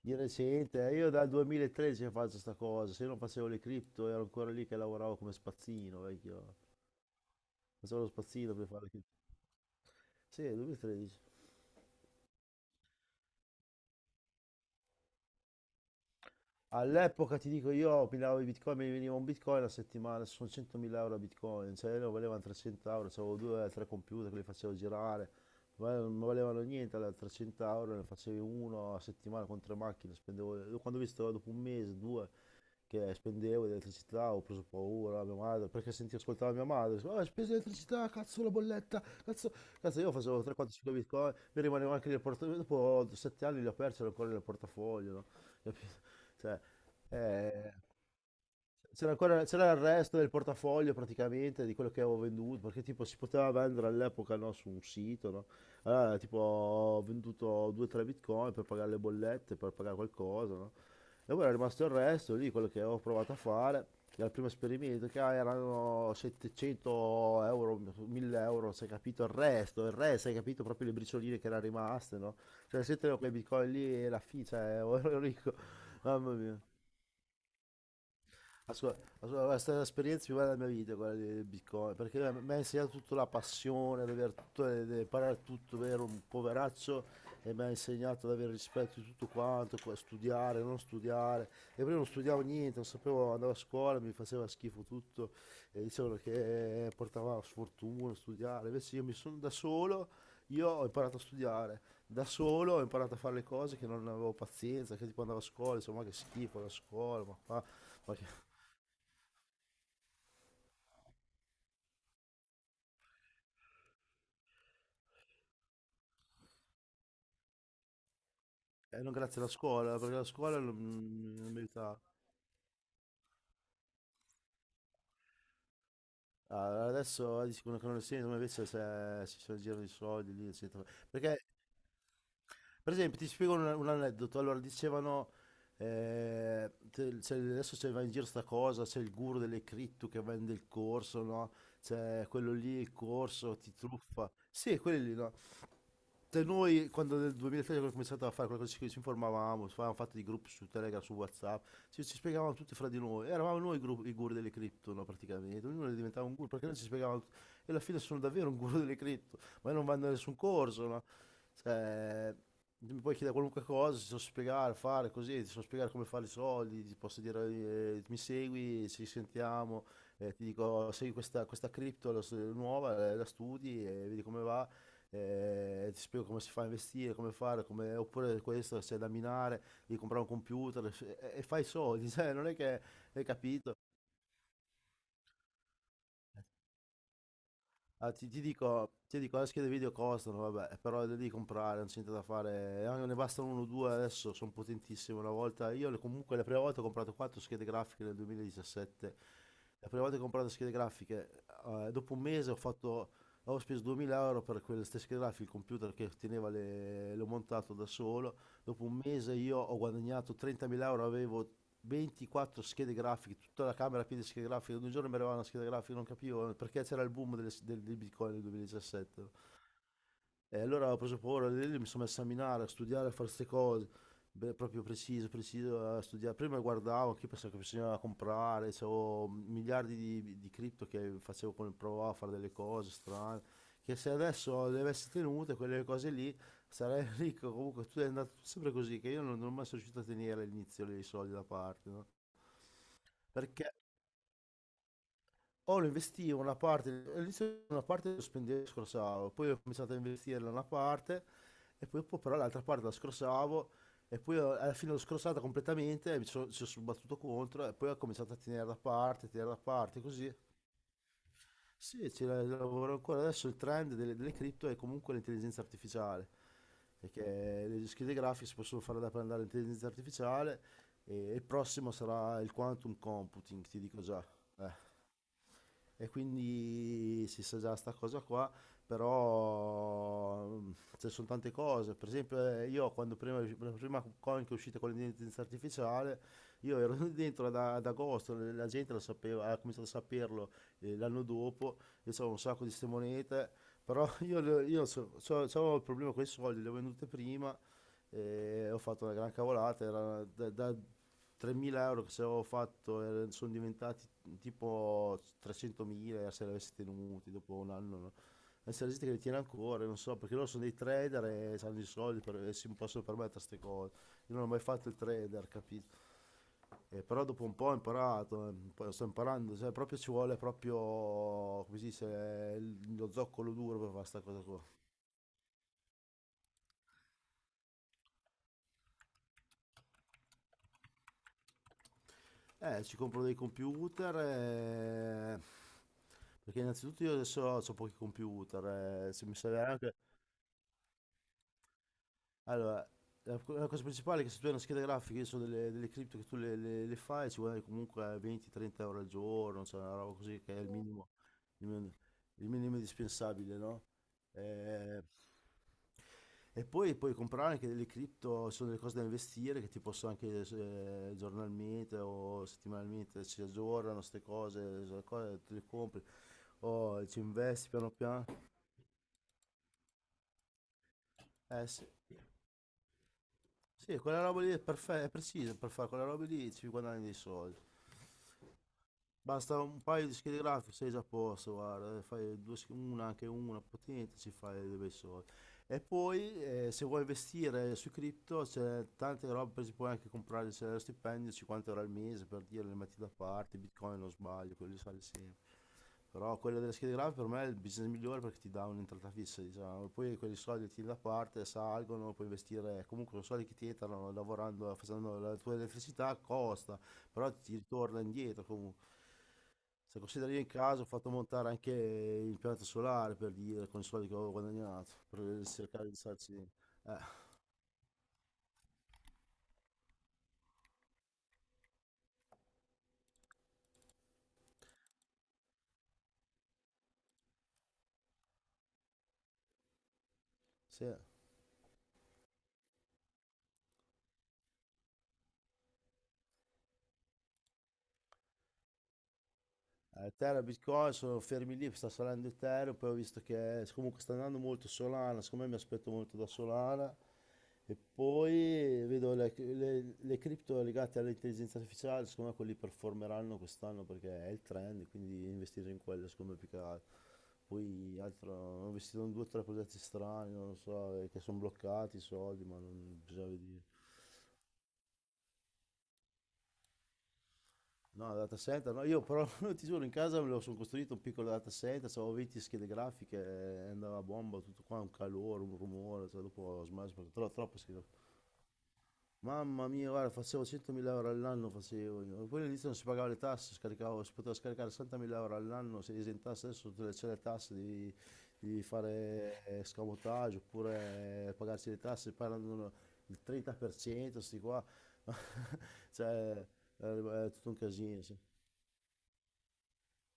Di recente, io dal 2013 che faccio sta cosa, se io non facevo le cripto ero ancora lì che lavoravo come spazzino, vecchio. Facevo lo spazzino per fare le cripto. Sì, 2013. All'epoca ti dico io, minavo i bitcoin, mi veniva un bitcoin a settimana, sono 100.000 euro a bitcoin, cioè ne valevano 300 euro, avevo due o tre computer che li facevo girare, ma non valevano niente, allora 300 euro ne facevi uno a settimana con tre macchine, spendevo, quando ho visto dopo un mese, due, che spendevo di elettricità, ho preso paura, mia madre, perché senti ascoltava mia madre, diceva, "Ah, spese di elettricità, cazzo la bolletta, cazzo, cazzo io facevo 3, 4, 5 bitcoin, mi rimaneva anche nel portafoglio, dopo 7 anni li ho persi, ero ancora nel portafoglio, no? Capito? Cioè, eh, c'era il resto del portafoglio praticamente di quello che avevo venduto, perché tipo si poteva vendere all'epoca, no, su un sito, no? Allora, tipo ho venduto 2-3 bitcoin per pagare le bollette, per pagare qualcosa, no? E poi era rimasto il resto lì, quello che avevo provato a fare, dal primo esperimento, che erano 700 euro, 1000 euro, sai, capito, il resto, hai capito, proprio le bricioline che erano rimaste, no? Cioè se tenevo quei bitcoin lì e cioè, ero ricco, mamma mia. È stata l'esperienza più bella della mia vita, quella del Bitcoin, perché mi ha insegnato tutta la passione, ad avere tutto, ad imparare tutto, ero un poveraccio e mi ha insegnato ad avere rispetto di tutto quanto, studiare, non studiare. E prima non studiavo niente, non sapevo, andavo a scuola, mi faceva schifo tutto e dicevano che portava sfortuna studiare. Invece io mi sono da solo, io ho imparato a studiare, da solo ho imparato a fare le cose che non avevo pazienza, che tipo andavo a scuola, insomma che schifo la scuola, ma che... non grazie alla scuola, perché la scuola non merita. Ah, adesso dici con l'economia, come invece se si sono in giro di soldi lì, eccetera. Perché, per esempio, ti spiego un aneddoto. Allora, dicevano, adesso c'è va in giro sta cosa, c'è il guru delle cripto che vende il corso, no? C'è quello lì, il corso, ti truffa. Sì, quelli lì, no? Cioè, noi quando nel 2003 abbiamo cominciato a fare qualcosa ci informavamo, avevamo fatto dei gruppi su Telegram, su WhatsApp, ci spiegavamo tutti fra di noi, eravamo noi i guru delle cripto, no, praticamente, ognuno diventava un guru perché noi ci spiegavamo tutto. E alla fine sono davvero un guru delle cripto, ma io non vanno a nessun corso, no? Cioè, mi puoi chiedere qualunque cosa, ti so spiegare, fare così, ti so spiegare come fare i soldi, ti posso dire, mi segui, ci sentiamo, ti dico, segui questa cripto nuova, la studi e vedi come va, ti spiego come si fa a investire, come fare, oppure questo c'è da minare, devi comprare un computer e fai soldi, cioè, non è che hai capito. Ah, ti dico, le schede video costano, vabbè, però le devi comprare, non c'è niente da fare. Anche ne bastano uno o due adesso, sono potentissime. Una volta, comunque la prima volta ho comprato quattro schede grafiche nel 2017. La prima volta che ho comprato schede grafiche, dopo un mese ho speso 2000 euro per quelle stesse schede grafiche, il computer che l'ho montato da solo. Dopo un mese io ho guadagnato 30.000 euro, avevo 24 schede grafiche, tutta la camera piena di schede grafiche, ogni giorno mi arrivava una scheda grafica, non capivo perché c'era il boom del Bitcoin nel 2017. E allora ho preso paura, lì lì mi sono messo a minare, a studiare, a fare queste cose. Beh, proprio preciso, preciso, a studiare. Prima guardavo, anche io pensavo che bisognava comprare, avevo miliardi di cripto che facevo con il provavo a fare delle cose strane, che se adesso le avessi tenute, quelle cose lì, sarei ricco. Comunque tu è andato sempre così, che io non sono mai riuscito a tenere all'inizio lì i soldi da parte, no? Perché? O lo investivo una parte, all'inizio una parte lo spendevo e scorsavo, poi ho cominciato a investirla una parte e poi dopo però l'altra parte la scorsavo e poi alla fine l'ho scorsata completamente e ci sono battuto contro e poi ho cominciato a tenere da parte così. Sì, lavoro ancora. Adesso il trend delle cripto è comunque l'intelligenza artificiale, perché le schede grafiche si possono fare da andare all'intelligenza artificiale e il prossimo sarà il quantum computing, ti dico già. Eh. E quindi si sa già sta cosa qua, però ci sono tante cose. Per esempio, io quando prima, la prima coin che è uscita con l'intelligenza artificiale, io ero dentro ad agosto, la gente lo sapeva, ha cominciato a saperlo, l'anno dopo, io avevo un sacco di ste monete, però io, le- io so- so- so avevo il problema con i soldi, le ho vendute prima, e ho fatto una gran cavolata, era da 3.000 euro che se avevo fatto, sono diventati tipo 300.000 se li avessi tenuti dopo un anno, no? Adesso la gente che li tiene ancora, non so, perché loro sono dei trader e hanno i soldi e si possono permettere queste cose. Io non ho mai fatto il trader, capito? Però dopo un po' ho imparato, poi sto imparando, cioè proprio ci vuole proprio, come si dice, lo zoccolo duro per fare sta cosa qua. Ci compro dei computer, perché innanzitutto io adesso ho pochi computer, se mi serve anche... Allora, la cosa principale è che se tu hai una scheda grafica, io so delle cripto che tu le fai, ci guadagni comunque 20-30 euro al giorno, cioè una roba così che è il, sì, minimo, il minimo, il minimo indispensabile, no? Eh, e poi puoi comprare anche delle cripto, ci sono delle cose da investire che ti possono anche, giornalmente o settimanalmente ci aggiornano, queste cose, te le compri o ci investi piano piano. Eh sì. Sì, quella roba lì è precisa per fare quella roba lì, ci guadagni dei soldi. Basta un paio di schede grafiche, sei già a posto, guarda, fai una, anche una potente, ci fai dei bei soldi. E poi, se vuoi investire sui cripto c'è tante robe, per esempio puoi anche comprare, c'è lo stipendio 50 euro al mese, per dire le metti da parte, Bitcoin non sbaglio, quello sale sempre. Però quello delle schede grafiche per me è il business migliore perché ti dà un'entrata fissa, diciamo. Poi quei soldi ti da parte, salgono, puoi investire. Comunque, sono soldi che ti entrano lavorando, facendo, la tua elettricità costa, però ti ritorna indietro comunque. Se consideri, io in casa ho fatto montare anche l'impianto solare per dire, con i soldi che avevo guadagnato, per cercare di starci. Sì. Terra Bitcoin sono fermi lì, sta salendo Ethereum, poi ho visto che, comunque sta andando molto Solana, secondo me mi aspetto molto da Solana e poi vedo le cripto legate all'intelligenza artificiale, secondo me quelli performeranno quest'anno perché è il trend, quindi investire in quello secondo me, più che altro. Poi altro, ho investito in due o tre progetti strani, non lo so, che sono bloccati i soldi, ma non bisogna vedere. No, data center, no, io però ti giuro, in casa me lo sono costruito un piccolo data center, avevo 20 schede grafiche, andava a bomba tutto qua, un calore, un rumore, cioè dopo ho smesso, perché troppe schede. Mamma mia, guarda, facevo 100.000 euro all'anno, facevo io. Poi all'inizio non si pagava le tasse, scaricavo, si poteva scaricare 60.000 euro all'anno, se esentasse adesso tutte le, c'è le tasse, devi fare, scamotaggio oppure, pagarsi le tasse, parlano il 30%, sti qua, cioè è tutto un casino. Sì.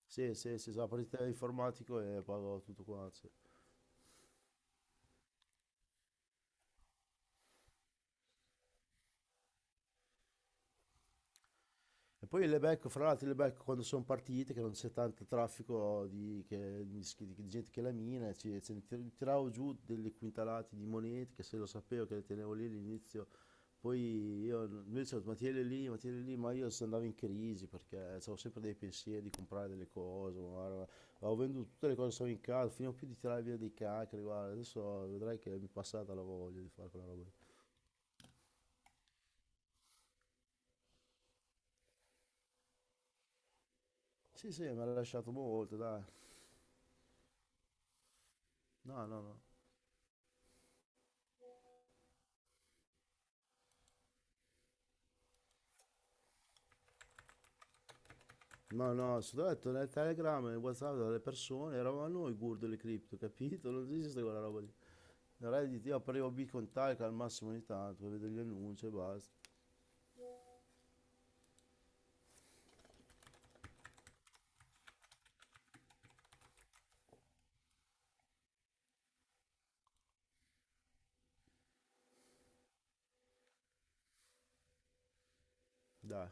Sì, sì, sì, sono partito informatico e pago tutto quanto. Sì. E poi le becco, fra l'altro le becco quando sono partite, che non c'è tanto traffico di gente che la mina, ci, ce ne tir- tiravo giù delle quintalate di monete, che se lo sapevo che le tenevo lì all'inizio, poi io, lui diceva, ma tienile lì, ma tienile lì, ma io se andavo in crisi perché avevo sempre dei pensieri di comprare delle cose, guarda, avevo venduto tutte le cose che avevo in casa, finivo più di tirare via dei cacri, guarda, adesso vedrai che mi è passata la voglia di fare quella roba lì. Sì, sì, mi ha lasciato molto, dai. No, no, no. No, no, sono detto nel Telegram, nel WhatsApp delle persone, eravamo noi gurdo le cripto, capito? Non esiste quella roba lì. Reddit, io aprivo Bitcoin Talk al massimo ogni tanto, per vedere gli annunci e basta. Dai.